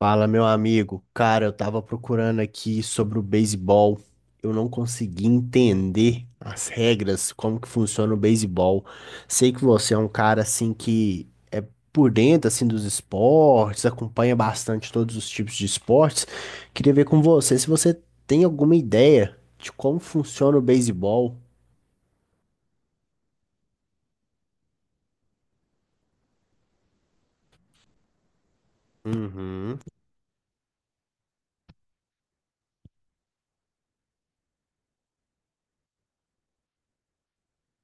Fala, meu amigo. Cara, eu tava procurando aqui sobre o beisebol. Eu não consegui entender as regras, como que funciona o beisebol. Sei que você é um cara assim que é por dentro assim dos esportes, acompanha bastante todos os tipos de esportes. Queria ver com você se você tem alguma ideia de como funciona o beisebol. Uhum,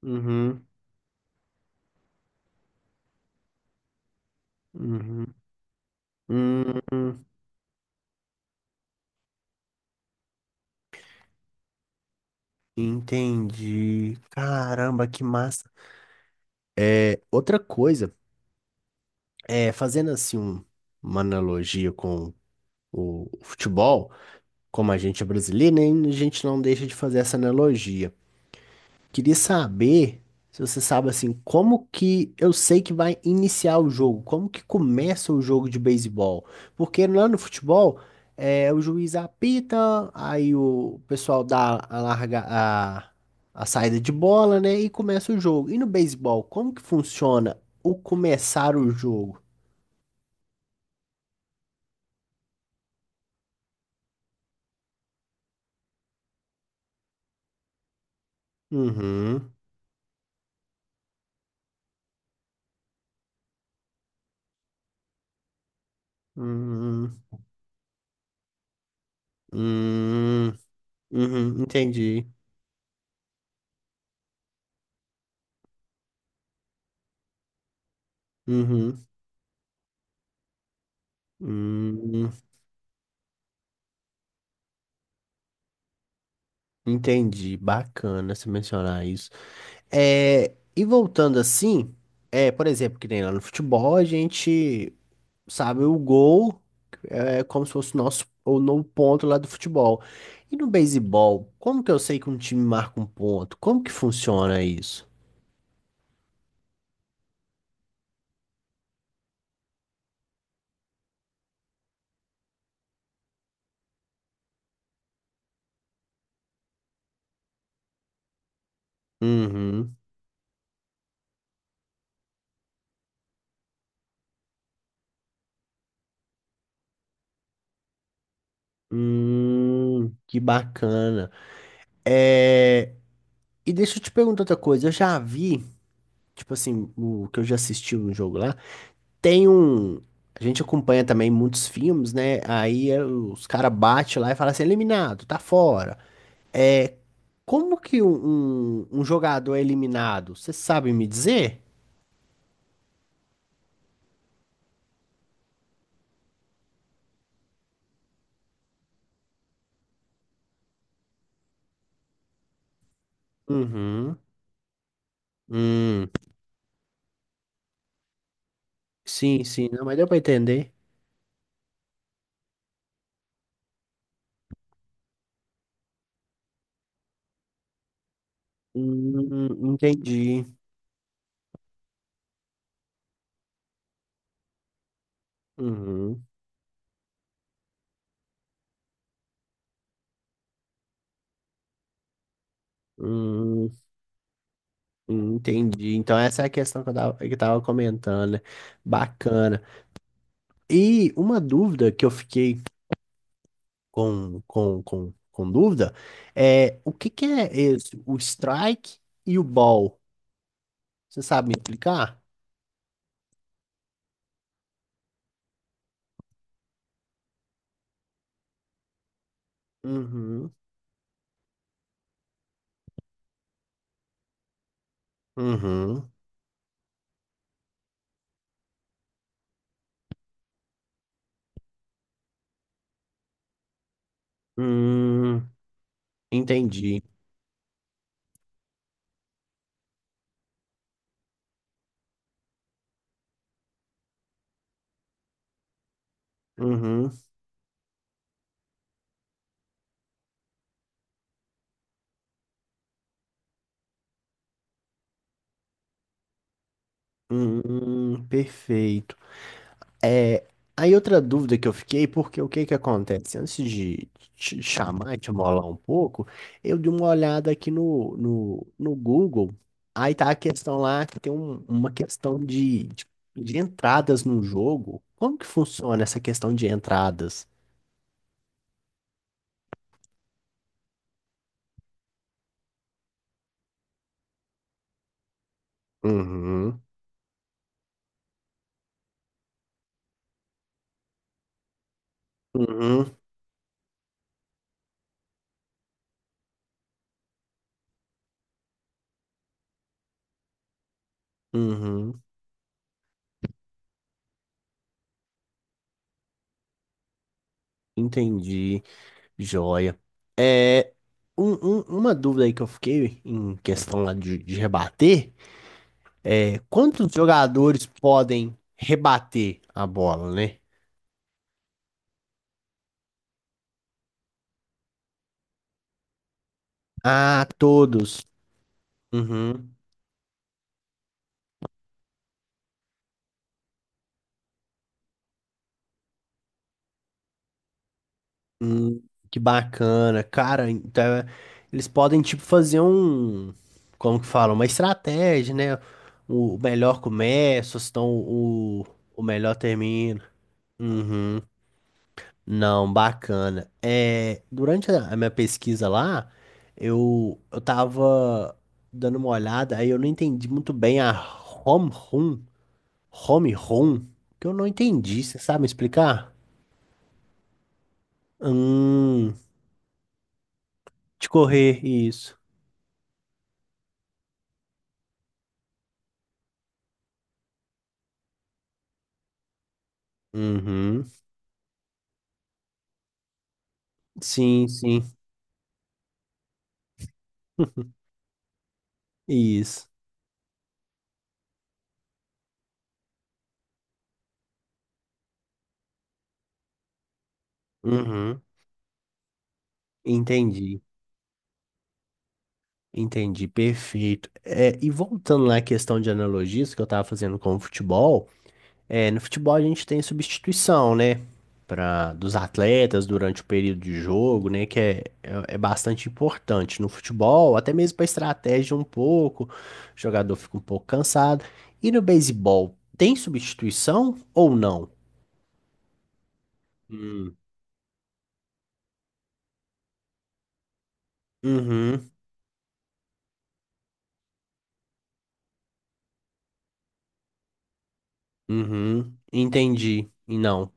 uhum, uhum. Hum, entendi. Caramba, que massa. Outra coisa, fazendo assim um- uma analogia com o futebol, como a gente é brasileiro, né, a gente não deixa de fazer essa analogia. Queria saber se você sabe assim, como que eu sei que vai iniciar o jogo, como que começa o jogo de beisebol? Porque lá no futebol, o juiz apita, aí o pessoal dá a larga a saída de bola, né, e começa o jogo. E no beisebol, como que funciona o começar o jogo? Uhum. Hum, hum, uhum, entendi. Uhum, hum, entendi. Bacana você mencionar isso. E voltando assim, por exemplo, que nem lá no futebol, a gente sabe o gol é como se fosse o nosso o novo ponto lá do futebol. E no beisebol, como que eu sei que um time marca um ponto? Como que funciona isso? Uhum. Que bacana. É, e deixa eu te perguntar outra coisa. Eu já vi, tipo assim, o que eu já assisti no jogo lá, tem um. A gente acompanha também muitos filmes, né? Aí os caras batem lá e falam assim, eliminado, tá fora. Como que um jogador é eliminado? Você sabe me dizer? Uhum. Hum, sim, sim, não, mas deu pra entender. Entendi. Uhum. Hum, entendi. Então essa é a questão que eu tava comentando, né? Bacana. E uma dúvida que eu fiquei com dúvida, é, o que que é esse, o strike e o ball? Você sabe me explicar? Uhum, uhum, hum, entendi. Uhum, perfeito. É, aí outra dúvida que eu fiquei, porque o que que acontece? Antes de te chamar, e te molar um pouco, eu dei uma olhada aqui no Google, aí tá a questão lá que tem um- uma questão de entradas no jogo. Como que funciona essa questão de entradas? Uhum, uhum, uhum, entendi, joia. É, uma dúvida aí que eu fiquei em questão lá de rebater. Quantos jogadores podem rebater a bola, né? Ah, todos. Uhum. Hum, que bacana. Cara, então, é, eles podem, tipo, fazer um. Como que fala? Uma estratégia, né? O melhor começa, então o melhor termina. Uhum. Não, bacana. É, durante a minha pesquisa lá, eu tava dando uma olhada, aí eu não entendi muito bem a home run. Home Run? Que eu não entendi. Você sabe me explicar? Hum, de correr, isso. Uhum. Sim, sim. Isso. Uhum. Entendi. Entendi. Perfeito. É, e voltando lá à questão de analogias que eu estava fazendo com o futebol. É, no futebol a gente tem substituição, né? Pra, dos atletas durante o período de jogo, né? Que é bastante importante no futebol, até mesmo para estratégia um pouco, o jogador fica um pouco cansado. E no beisebol, tem substituição ou não? Hum. Uhum, uhum, entendi. E não.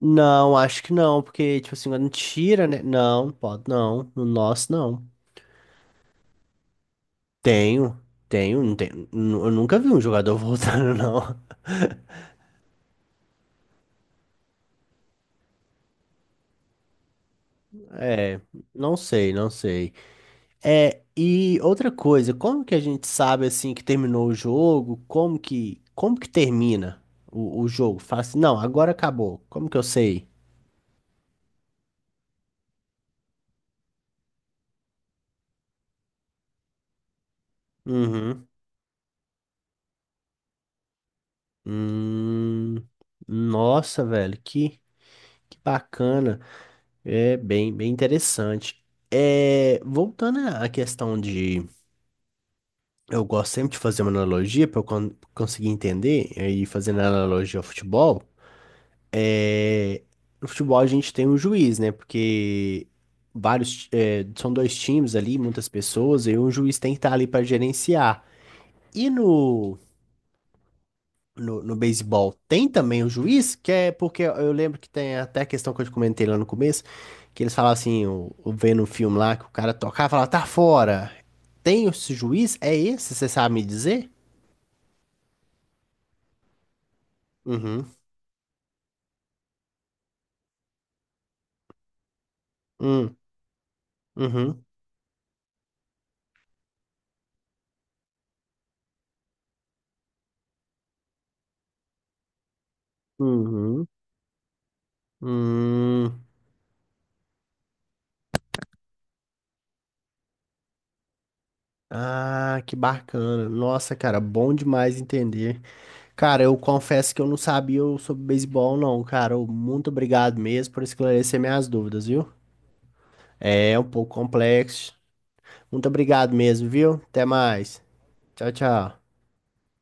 Não, acho que não, porque, tipo assim, quando tira, né? Não, pode não. No nosso, não. Tenho, tenho, não tenho. Nu- Eu nunca vi um jogador voltando, não. É, não sei, não sei. É, e outra coisa, como que a gente sabe assim que terminou o jogo? Como que termina o jogo? Fala assim, não, agora acabou. Como que eu sei? Uhum. Hum, nossa, velho, que bacana. É bem, bem interessante. É, voltando à questão de, eu gosto sempre de fazer uma analogia para eu con- conseguir entender é, e fazendo analogia ao futebol. No futebol a gente tem um juiz, né? Porque vários, é, são dois times ali, muitas pessoas, e um juiz tem que estar ali para gerenciar. E no beisebol tem também o juiz, que é porque eu lembro que tem até a questão que eu te comentei lá no começo, que eles falavam assim, eu vendo um filme lá que o cara tocava e falava, tá fora. Tem esse juiz? É esse? Você sabe me dizer? Uhum. Hum. Uhum. Uhum. Uhum. Ah, que bacana. Nossa, cara, bom demais entender. Cara, eu confesso que eu não sabia sobre beisebol, não, cara. Eu- muito obrigado mesmo por esclarecer minhas dúvidas, viu? É um pouco complexo. Muito obrigado mesmo, viu? Até mais. Tchau, tchau.